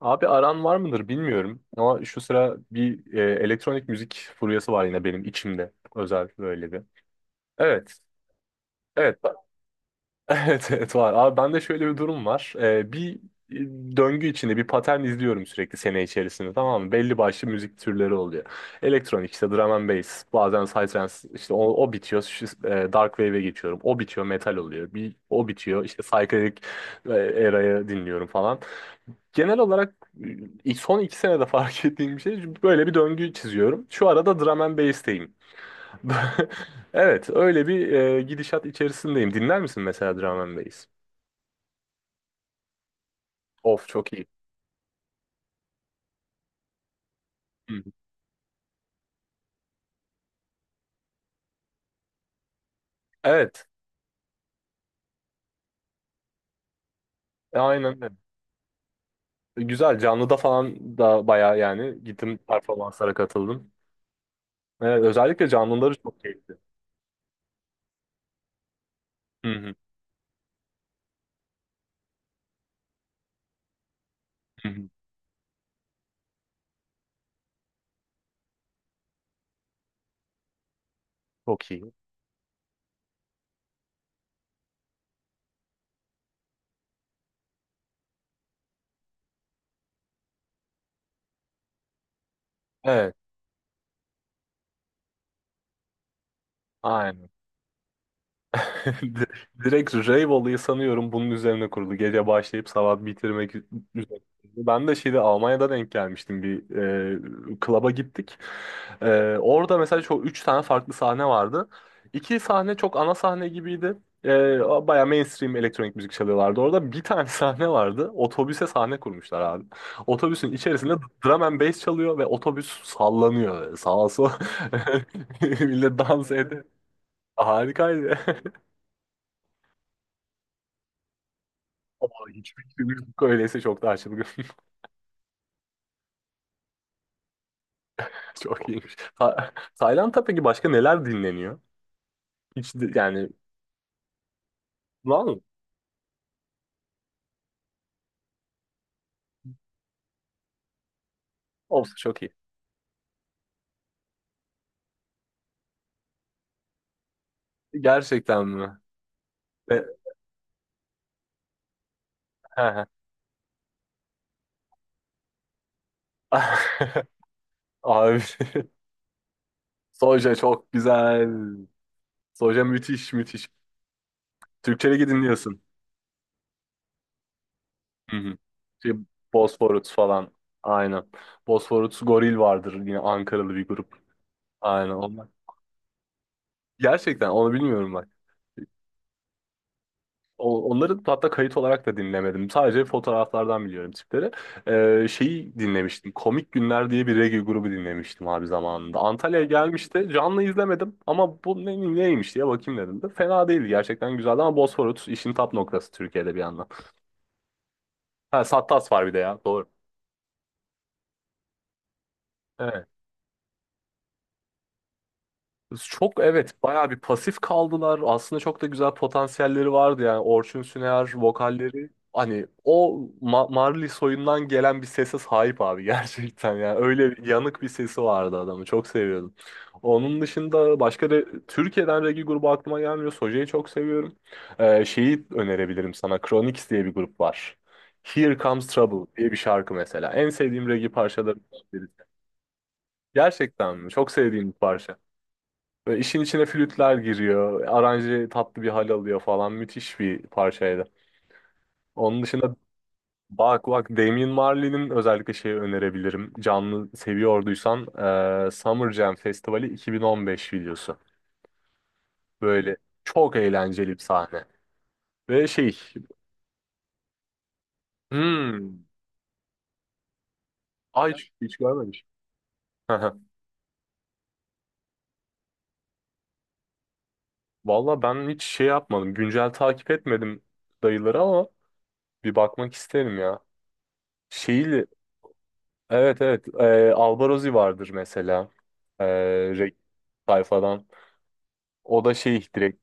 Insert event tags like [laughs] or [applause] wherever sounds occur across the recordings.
Abi aran var mıdır bilmiyorum ama şu sıra bir elektronik müzik furyası var yine benim içimde özel böyle bir. Evet, evet, [laughs] evet, evet var. Abi bende şöyle bir durum var. Bir e, döngü içinde bir patern izliyorum sürekli sene içerisinde, tamam mı? Belli başlı müzik türleri oluyor. Elektronik işte drum and bass, bazen psytrance işte o bitiyor, dark wave'e geçiyorum. O bitiyor, metal oluyor. Bir o bitiyor, işte psychedelic era'yı dinliyorum falan. Genel olarak son 2 senede fark [laughs] ettiğim bir şey çünkü böyle bir döngü çiziyorum. Şu arada drum and bass'teyim. [laughs] Evet, öyle bir gidişat içerisindeyim. Dinler misin mesela drum and bass? Of çok iyi. Hı hı. Evet, aynen öyle. Güzel, canlıda falan da bayağı yani gittim performanslara katıldım. Evet, özellikle canlıları çok keyifli. Hı hı, hı hı. Çok iyi. Evet, aynen. [laughs] Direkt rave olayı sanıyorum bunun üzerine kurulu. Gece başlayıp sabah bitirmek üzere. Ben de şeyde Almanya'da denk gelmiştim bir klaba gittik. E, Orada mesela çok 3 tane farklı sahne vardı. İki sahne çok ana sahne gibiydi. E, Baya mainstream elektronik müzik çalıyorlardı. Orada bir tane [laughs] sahne vardı. Otobüse sahne kurmuşlar abi. Otobüsün içerisinde drum and bass çalıyor ve otobüs sallanıyor. Sağa sola [laughs] millet dans ediyor. Harikaydı. [laughs] Aa, hiç fikrim yok. Öyleyse çok daha çılgın. [laughs] Çok iyiymiş. Ta Tayland'da peki başka neler dinleniyor? Yani var mı? Olsa çok iyi. Gerçekten mi? E, he he. [laughs] Abi [laughs] Soja çok güzel. Soja müthiş müthiş. Türkçe'de dinliyorsun. Hı hı. Şey, Bosphorus falan. Aynen. Bosphorus Goril vardır yine Ankaralı bir grup. Aynen onlar. Gerçekten onu bilmiyorum bak. Onları hatta kayıt olarak da dinlemedim. Sadece fotoğraflardan biliyorum tipleri. Şeyi dinlemiştim. Komik Günler diye bir reggae grubu dinlemiştim abi zamanında. Antalya'ya gelmişti. Canlı izlemedim ama bu ne, neymiş diye bakayım dedim de. Fena değildi, gerçekten güzeldi ama Bosphorus işin tap noktası Türkiye'de bir yandan. Ha, Sattas var bir de ya, doğru. Evet. Çok evet, bayağı bir pasif kaldılar. Aslında çok da güzel potansiyelleri vardı yani. Orçun Süner vokalleri, hani o Marley soyundan gelen bir sese sahip abi [laughs] gerçekten yani. Öyle bir yanık bir sesi vardı adamı. Çok seviyordum. Onun dışında başka da Türkiye'den reggae grubu aklıma gelmiyor. Soja'yı çok seviyorum. Şeyi önerebilirim sana. Chronix diye bir grup var. Here Comes Trouble diye bir şarkı mesela. En sevdiğim reggae parçalarından biri. Gerçekten mi? Çok sevdiğim bir parça. Böyle işin içine flütler giriyor. Aranje tatlı bir hal alıyor falan. Müthiş bir parçaydı. Onun dışında bak bak, Damian Marley'nin özellikle şeyi önerebilirim. Canlı seviyorduysan Summer Jam Festivali 2015 videosu. Böyle çok eğlenceli bir sahne. Ve şey hmm, Ay, hiç görmemiş. [laughs] Valla ben hiç şey yapmadım. Güncel takip etmedim dayıları ama bir bakmak isterim ya. Şeyi Evet, evet. Albarozzi vardır mesela. Ee, Re- Sayfadan. O da direkt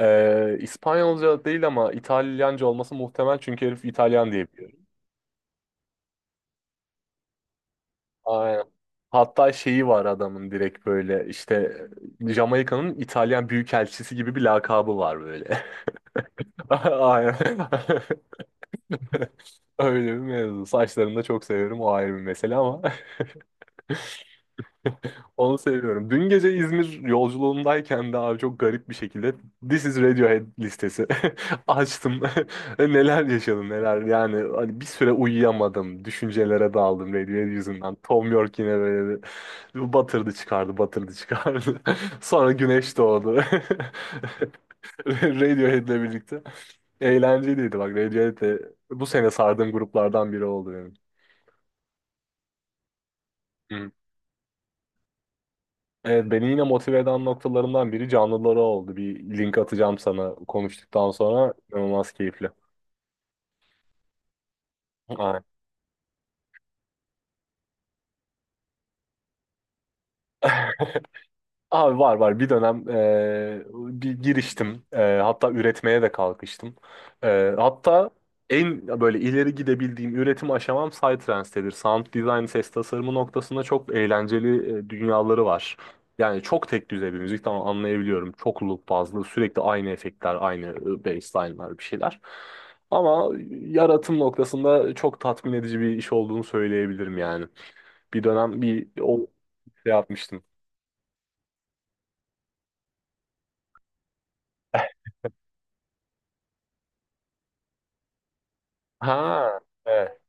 İspanyolca değil ama İtalyanca olması muhtemel çünkü herif İtalyan diye biliyorum. Aynen. Hatta şeyi var adamın, direkt böyle işte Jamaika'nın İtalyan büyükelçisi gibi bir lakabı var böyle. [laughs] Aynen. [laughs] Öyle bir mevzu. Saçlarını da çok seviyorum, o ayrı bir mesele ama. [laughs] Onu seviyorum. Dün gece İzmir yolculuğundayken de abi çok garip bir şekilde This is Radiohead listesi [laughs] açtım. [laughs] Neler yaşadım neler. Yani hani bir süre uyuyamadım. Düşüncelere daldım Radiohead yüzünden. Tom York yine böyle bir batırdı çıkardı, batırdı çıkardı. [laughs] Sonra güneş doğdu. [laughs] Radiohead'le birlikte. Eğlenceliydi bak, Radiohead de bu sene sardığım gruplardan biri oldu benim. Evet, beni yine motive eden noktalarından biri canlıları oldu. Bir link atacağım sana konuştuktan sonra. İnanılmaz keyifli. Aynen. [laughs] Abi var var, bir dönem e, bir giriştim. Hatta üretmeye de kalkıştım. Hatta en böyle ileri gidebildiğim üretim aşamam Psytrance'tedir. Sound design, ses tasarımı noktasında çok eğlenceli dünyaları var. Yani çok tek düzey bir müzik, tamam anlayabiliyorum. Çok loop bazlı, sürekli aynı efektler, aynı bassline'lar, bir şeyler. Ama yaratım noktasında çok tatmin edici bir iş olduğunu söyleyebilirim yani. Bir dönem bir o şey yapmıştım. Ha, evet.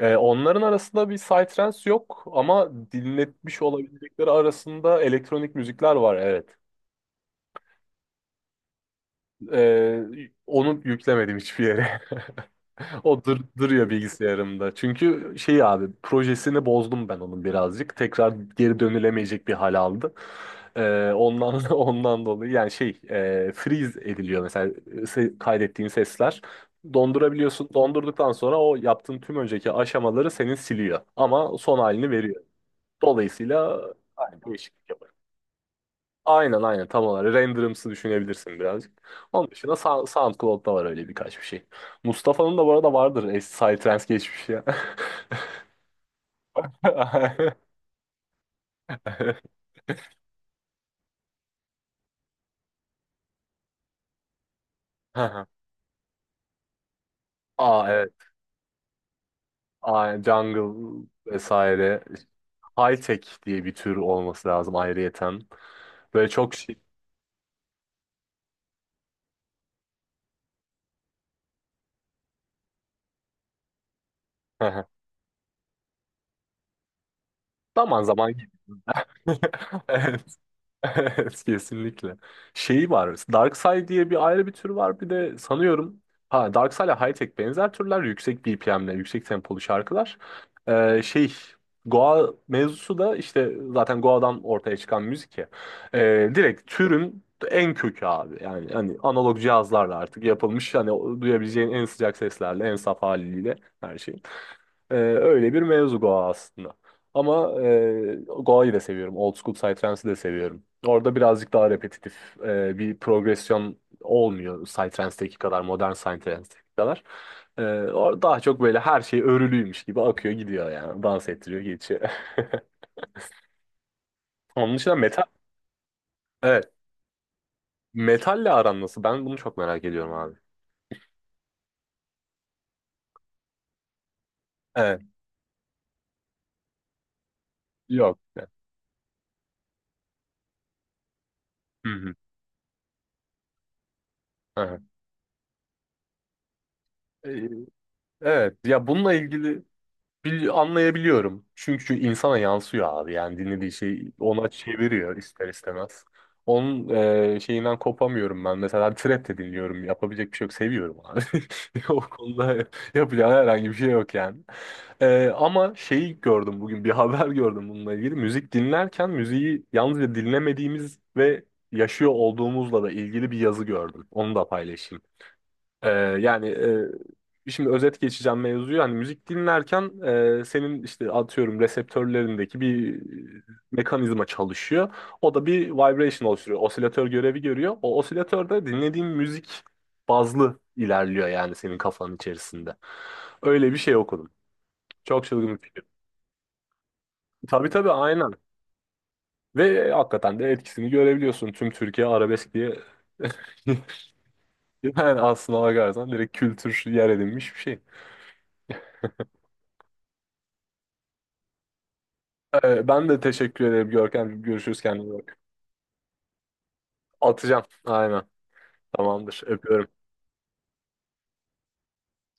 Onların arasında bir psytrance yok ama dinletmiş olabilecekleri arasında elektronik müzikler var, evet. Onu yüklemedim hiçbir yere. [laughs] O dur duruyor bilgisayarımda. Çünkü abi projesini bozdum ben onun birazcık. Tekrar geri dönülemeyecek bir hal aldı. Ondan [laughs] ondan dolayı, yani freeze ediliyor mesela kaydettiğin sesler. Dondurabiliyorsun. Dondurduktan sonra o yaptığın tüm önceki aşamaları senin siliyor. Ama son halini veriyor. Dolayısıyla aynı değişiklik yaparım. Aynen aynen, tam olarak. Renderımsı düşünebilirsin birazcık. Onun dışında SoundCloud'da var öyle birkaç bir şey. Mustafa'nın da bu arada vardır eski Psytrance geçmişi ya. [laughs] Aa, evet. Aynen, jungle vesaire. High tech diye bir tür olması lazım ayrıyeten. Böyle çok şey. [laughs] Zaman zaman [laughs] evet. Evet, kesinlikle. Şeyi var. Darkside diye bir ayrı bir tür var. Bir de sanıyorum ha darkside, Side ile High benzer türler. Yüksek BPM'le, yüksek tempolu şarkılar. Ee, şey Goa mevzusu da işte zaten Goa'dan ortaya çıkan müzik ya. Direkt türün en kökü abi. Yani hani analog cihazlarla artık yapılmış. Hani duyabileceğin en sıcak seslerle, en saf haliyle her şey. Öyle bir mevzu Goa aslında. Ama Goa'yı da seviyorum. Old School Psytrance'ı da seviyorum. Orada birazcık daha repetitif bir progresyon olmuyor Psytrance'deki kadar, modern Psytrance'deki kadar. Daha çok böyle her şey örülüymüş gibi akıyor gidiyor yani. Dans ettiriyor geçiyor. [laughs] Onun dışında metal. Evet. Metalle aran nasıl? Ben bunu çok merak ediyorum abi. Evet. Yok. Hı hı. Aha. Ee, Evet ya, bununla ilgili anlayabiliyorum. Çünkü insana yansıyor abi. Yani dinlediği şey ona çeviriyor ister istemez. Onun şeyinden kopamıyorum ben. Mesela trap de dinliyorum. Yapabilecek bir şey yok. Seviyorum abi. [laughs] O konuda yapacağım herhangi bir şey yok yani. Ama şeyi gördüm bugün. Bir haber gördüm bununla ilgili. Müzik dinlerken müziği yalnızca dinlemediğimiz ve yaşıyor olduğumuzla da ilgili bir yazı gördüm. Onu da paylaşayım. Ee, Yani şimdi özet geçeceğim mevzuyu. Hani müzik dinlerken senin işte atıyorum reseptörlerindeki bir mekanizma çalışıyor. O da bir vibration oluşturuyor. Osilatör görevi görüyor. O osilatörde dinlediğin müzik bazlı ilerliyor yani senin kafanın içerisinde. Öyle bir şey okudum. Çok çılgın bir fikir. Tabii tabii, aynen. Ve hakikaten de etkisini görebiliyorsun. Tüm Türkiye arabesk diye. [laughs] Yani aslına bakarsan direkt kültür yer edinmiş bir şey. Ben de teşekkür ederim Görkem. Görüşürüz, kendine iyi bak. Atacağım. Aynen. Tamamdır. Öpüyorum.